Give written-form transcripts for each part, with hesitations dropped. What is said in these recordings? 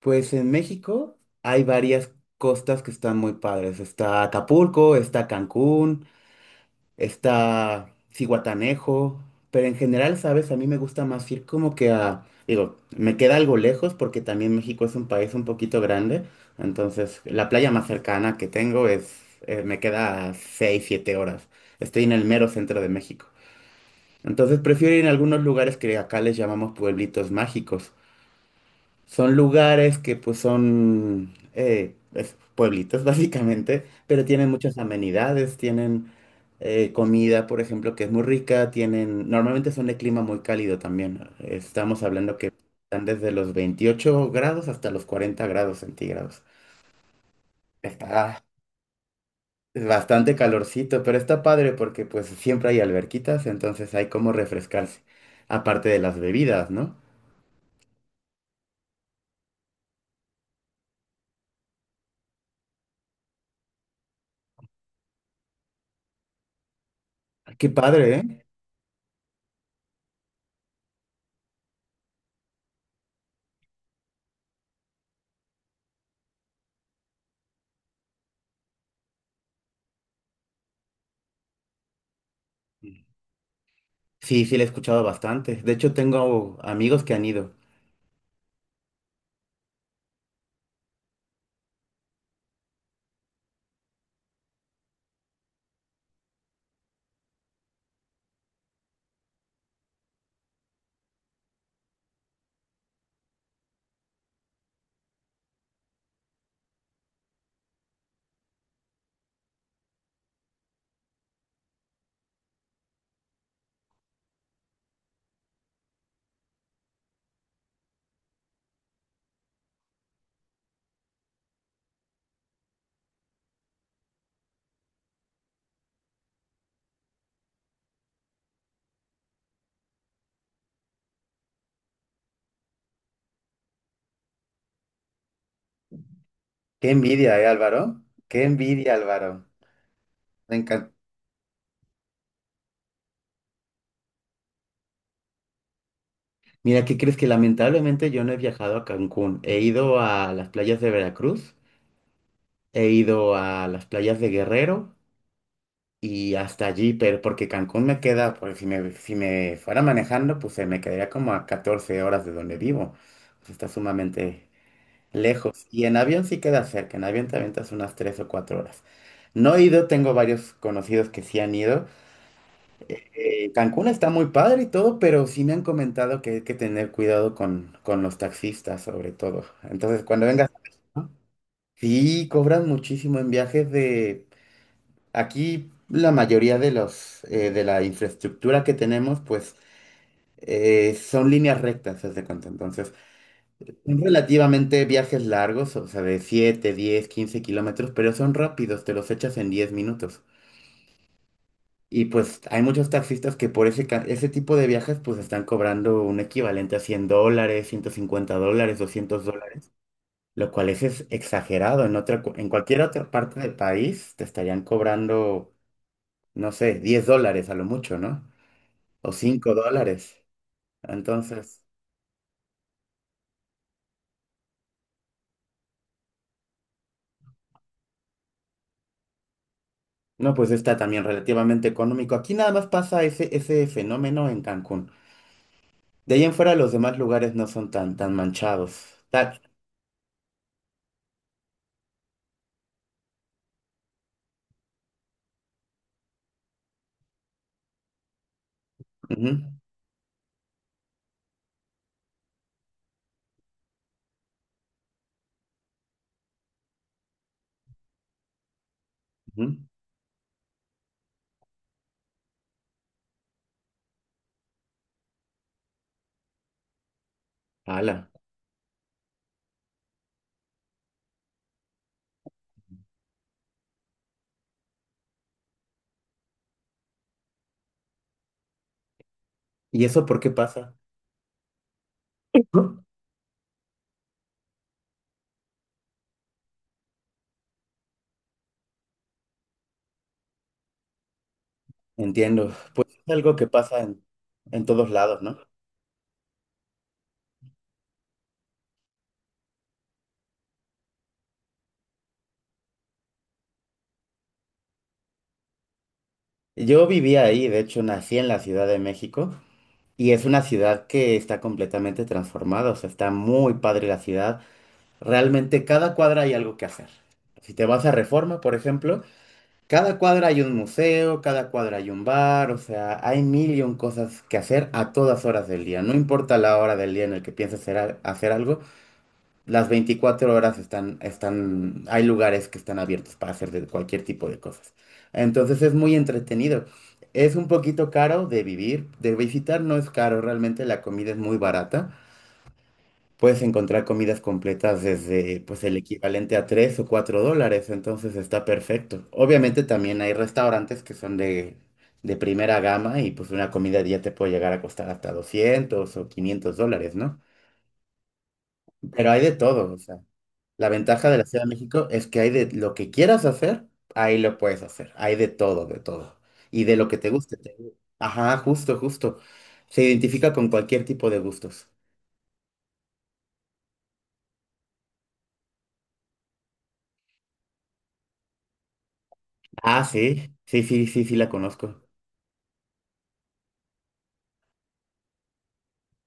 Pues en México hay varias costas que están muy padres. Está Acapulco, está Cancún, está Zihuatanejo, pero en general, ¿sabes? A mí me gusta más ir como que a, digo, me queda algo lejos porque también México es un país un poquito grande, entonces la playa más cercana que tengo es, me queda a 6, 7 horas. Estoy en el mero centro de México. Entonces prefiero ir a algunos lugares que acá les llamamos pueblitos mágicos. Son lugares que pues son pueblitos básicamente, pero tienen muchas amenidades, tienen comida, por ejemplo, que es muy rica, tienen, normalmente son de clima muy cálido también. Estamos hablando que están desde los 28 grados hasta los 40 grados centígrados. Está bastante calorcito, pero está padre porque pues siempre hay alberquitas, entonces hay como refrescarse, aparte de las bebidas, ¿no? Qué padre, ¿eh? Sí, sí, la he escuchado bastante. De hecho, tengo amigos que han ido. Qué envidia, ¿eh, Álvaro? Qué envidia, Álvaro. Me encanta. Mira, ¿qué crees? Que lamentablemente yo no he viajado a Cancún. He ido a las playas de Veracruz, he ido a las playas de Guerrero y hasta allí, pero porque Cancún me queda, pues si me fuera manejando, pues se me quedaría como a 14 horas de donde vivo. Pues, está sumamente lejos. Y en avión sí queda cerca. En avión te avientas unas 3 o 4 horas. No he ido, tengo varios conocidos que sí han ido. Cancún está muy padre y todo, pero sí me han comentado que hay que tener cuidado con los taxistas, sobre todo. Entonces, cuando vengas a México, sí cobran muchísimo en viajes de... Aquí la mayoría de de la infraestructura que tenemos, pues, son líneas rectas, haz de cuenta. Entonces, son relativamente viajes largos, o sea, de 7, 10, 15 kilómetros, pero son rápidos, te los echas en 10 minutos. Y pues hay muchos taxistas que por ese tipo de viajes pues están cobrando un equivalente a $100, $150, $200, lo cual es exagerado. En cualquier otra parte del país te estarían cobrando, no sé, $10 a lo mucho, ¿no? O $5. Entonces, no, pues está también relativamente económico. Aquí nada más pasa ese fenómeno en Cancún. De ahí en fuera los demás lugares no son tan, tan manchados. Tal. Ujú, ujú. Ala. ¿Y eso por qué pasa? Ujú. Entiendo. Pues es algo que pasa en todos lados, ¿no? Yo vivía ahí, de hecho nací en la Ciudad de México y es una ciudad que está completamente transformada, o sea, está muy padre la ciudad. Realmente cada cuadra hay algo que hacer. Si te vas a Reforma, por ejemplo, cada cuadra hay un museo, cada cuadra hay un bar, o sea, hay mil y un cosas que hacer a todas horas del día. No importa la hora del día en el que pienses hacer, hacer algo, las 24 horas hay lugares que están abiertos para hacer de cualquier tipo de cosas. Entonces es muy entretenido. Es un poquito caro de vivir, de visitar no es caro, realmente la comida es muy barata. Puedes encontrar comidas completas desde pues el equivalente a 3 o 4 dólares, entonces está perfecto. Obviamente también hay restaurantes que son de primera gama y pues una comida ya te puede llegar a costar hasta 200 o 500 dólares, ¿no? Pero hay de todo, o sea, la ventaja de la Ciudad de México es que hay de lo que quieras hacer, ahí lo puedes hacer, hay de todo, de todo. Y de lo que te guste. Ajá, justo, justo. Se identifica con cualquier tipo de gustos. Ah, sí, sí, sí, sí, sí, la conozco.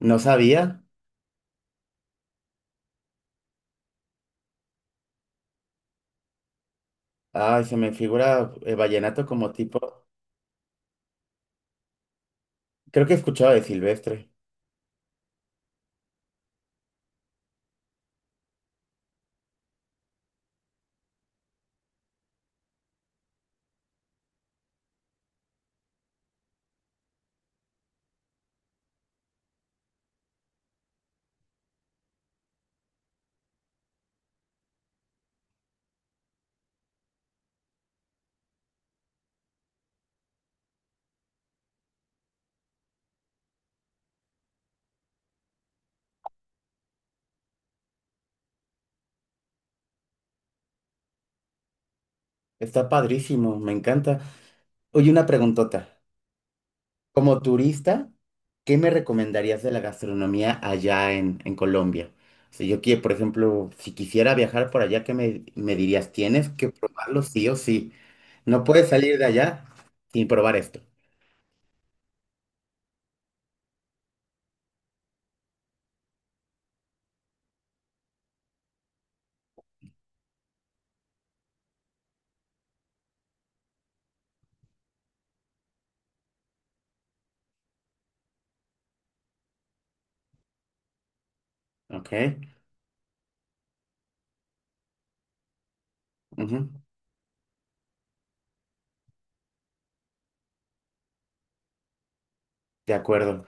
No sabía. Ay, se me figura vallenato como tipo. Creo que he escuchado de Silvestre. Está padrísimo, me encanta. Oye, una preguntota. Como turista, ¿qué me recomendarías de la gastronomía allá en Colombia? Si yo quiero, por ejemplo, si quisiera viajar por allá, ¿qué me dirías? Tienes que probarlo sí o sí. No puedes salir de allá sin probar esto. Ok. Ujú. De acuerdo.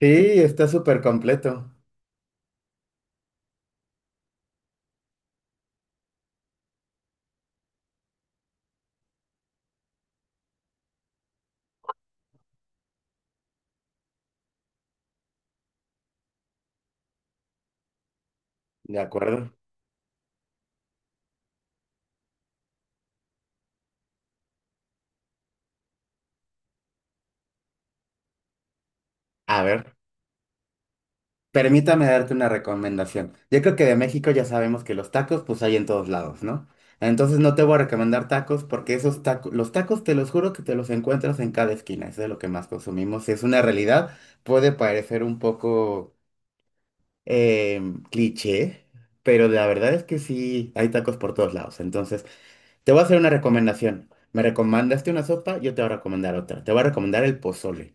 Sí, está súper completo. De acuerdo. A ver. Permítame darte una recomendación. Yo creo que de México ya sabemos que los tacos pues hay en todos lados, ¿no? Entonces no te voy a recomendar tacos porque esos tacos, los tacos te los juro que te los encuentras en cada esquina, eso es de lo que más consumimos. Es una realidad, puede parecer un poco cliché, pero la verdad es que sí, hay tacos por todos lados. Entonces te voy a hacer una recomendación. Me recomendaste una sopa, yo te voy a recomendar otra. Te voy a recomendar el pozole.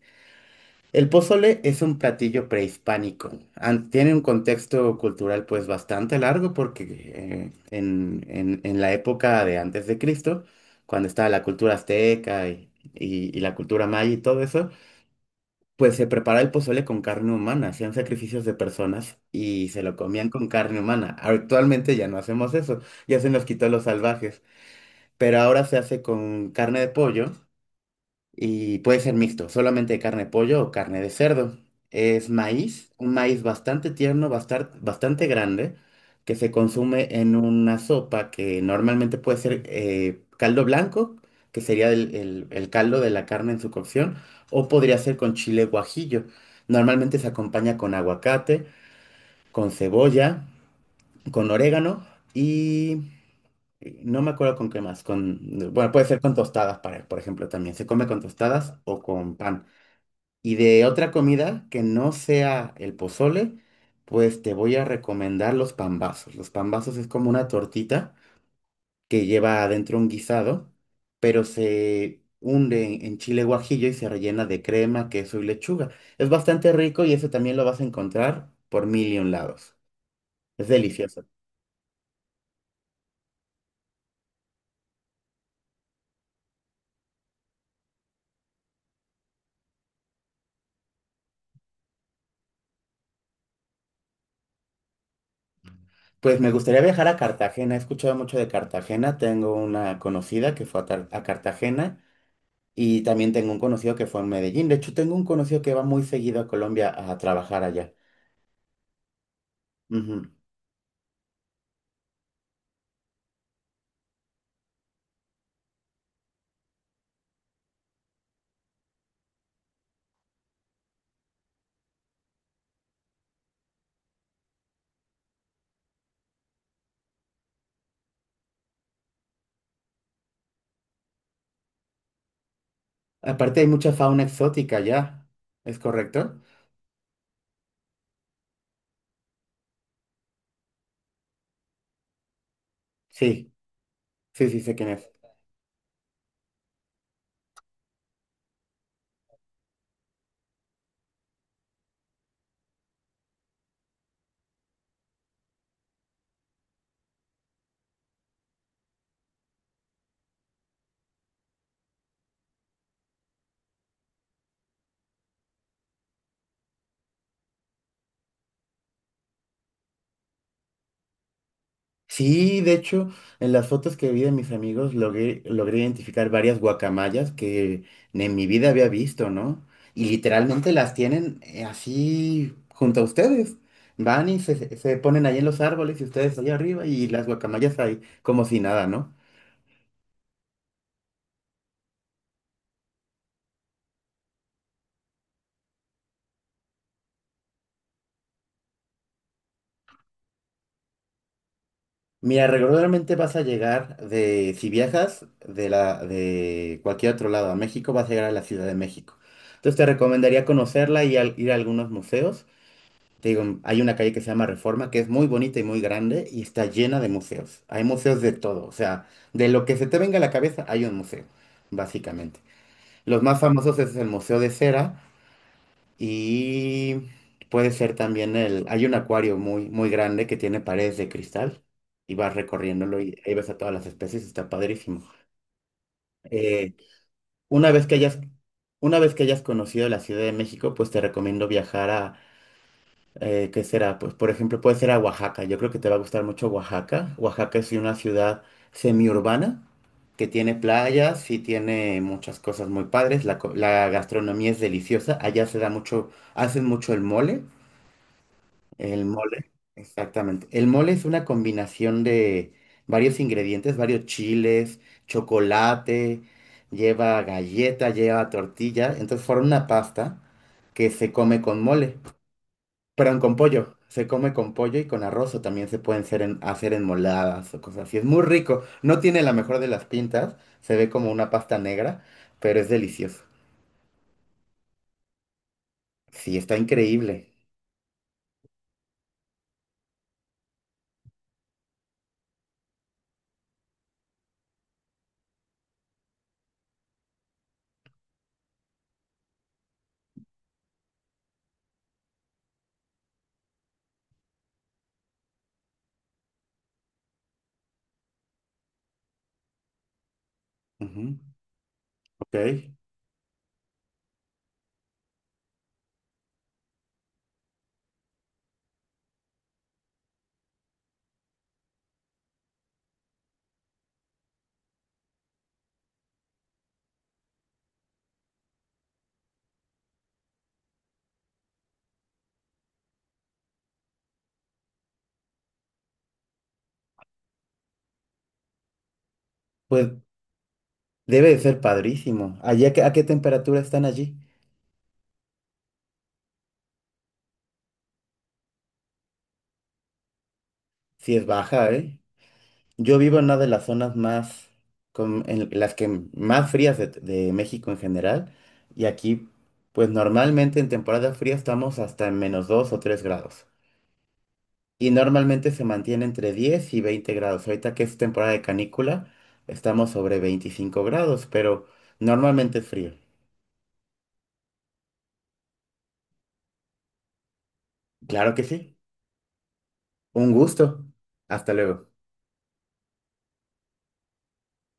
El pozole es un platillo prehispánico. Tiene un contexto cultural pues bastante largo porque en la época de antes de Cristo, cuando estaba la cultura azteca y la cultura maya y todo eso, pues se preparaba el pozole con carne humana, hacían sacrificios de personas y se lo comían con carne humana. Actualmente ya no hacemos eso, ya se nos quitó los salvajes, pero ahora se hace con carne de pollo y puede ser mixto, solamente carne de pollo o carne de cerdo. Es maíz, un maíz bastante tierno, bastante grande, que se consume en una sopa que normalmente puede ser caldo blanco, que sería el caldo de la carne en su cocción, o podría ser con chile guajillo. Normalmente se acompaña con aguacate, con cebolla, con orégano y no me acuerdo con qué más. Bueno, puede ser con tostadas, para, por ejemplo, también. Se come con tostadas o con pan. Y de otra comida que no sea el pozole, pues te voy a recomendar los pambazos. Los pambazos es como una tortita que lleva adentro un guisado, pero se hunde en chile guajillo y se rellena de crema, queso y lechuga. Es bastante rico y eso también lo vas a encontrar por mil y un lados. Es delicioso. Pues me gustaría viajar a Cartagena. He escuchado mucho de Cartagena. Tengo una conocida que fue a Cartagena. Y también tengo un conocido que fue en Medellín. De hecho, tengo un conocido que va muy seguido a Colombia a trabajar allá. Ujú. Aparte, hay mucha fauna exótica allá. ¿Es correcto? Sí, sí, sí, sé quién es. Sí, de hecho, en las fotos que vi de mis amigos logré identificar varias guacamayas que ni en mi vida había visto, ¿no? Y literalmente las tienen así junto a ustedes. Van y se ponen ahí en los árboles y ustedes allá arriba y las guacamayas ahí como si nada, ¿no? Mira, regularmente vas a llegar si viajas de de cualquier otro lado a México, vas a llegar a la Ciudad de México. Entonces te recomendaría conocerla y ir a algunos museos. Te digo, hay una calle que se llama Reforma, que es muy bonita y muy grande y está llena de museos. Hay museos de todo, o sea, de lo que se te venga a la cabeza hay un museo, básicamente. Los más famosos es el Museo de Cera y puede ser también el... Hay un acuario muy, muy grande que tiene paredes de cristal y vas recorriéndolo y ahí ves a todas las especies, está padrísimo. Eh, una vez que hayas, una vez que hayas conocido la Ciudad de México, pues te recomiendo viajar a... ¿qué será? Pues por ejemplo puede ser a Oaxaca. Yo creo que te va a gustar mucho Oaxaca. Oaxaca es una ciudad semiurbana que tiene playas y tiene muchas cosas muy padres. La gastronomía es deliciosa. Allá se da mucho, hacen mucho el mole. El mole, exactamente. El mole es una combinación de varios ingredientes, varios chiles, chocolate, lleva galleta, lleva tortilla. Entonces forma una pasta que se come con mole, perdón, con pollo. Se come con pollo y con arroz o también se pueden hacer enmoladas o cosas así. Es muy rico. No tiene la mejor de las pintas, se ve como una pasta negra, pero es delicioso. Sí, está increíble. Ujú. Ok. Pues debe de ser padrísimo. ¿Allá a qué temperatura están allí? Si es baja, ¿eh? Yo vivo en una de las zonas más, en las que más frías de México en general. Y aquí, pues normalmente en temporada fría estamos hasta en menos 2 o 3 grados. Y normalmente se mantiene entre 10 y 20 grados. Ahorita que es temporada de canícula, estamos sobre 25 grados, pero normalmente es frío. Claro que sí. Un gusto. Hasta luego.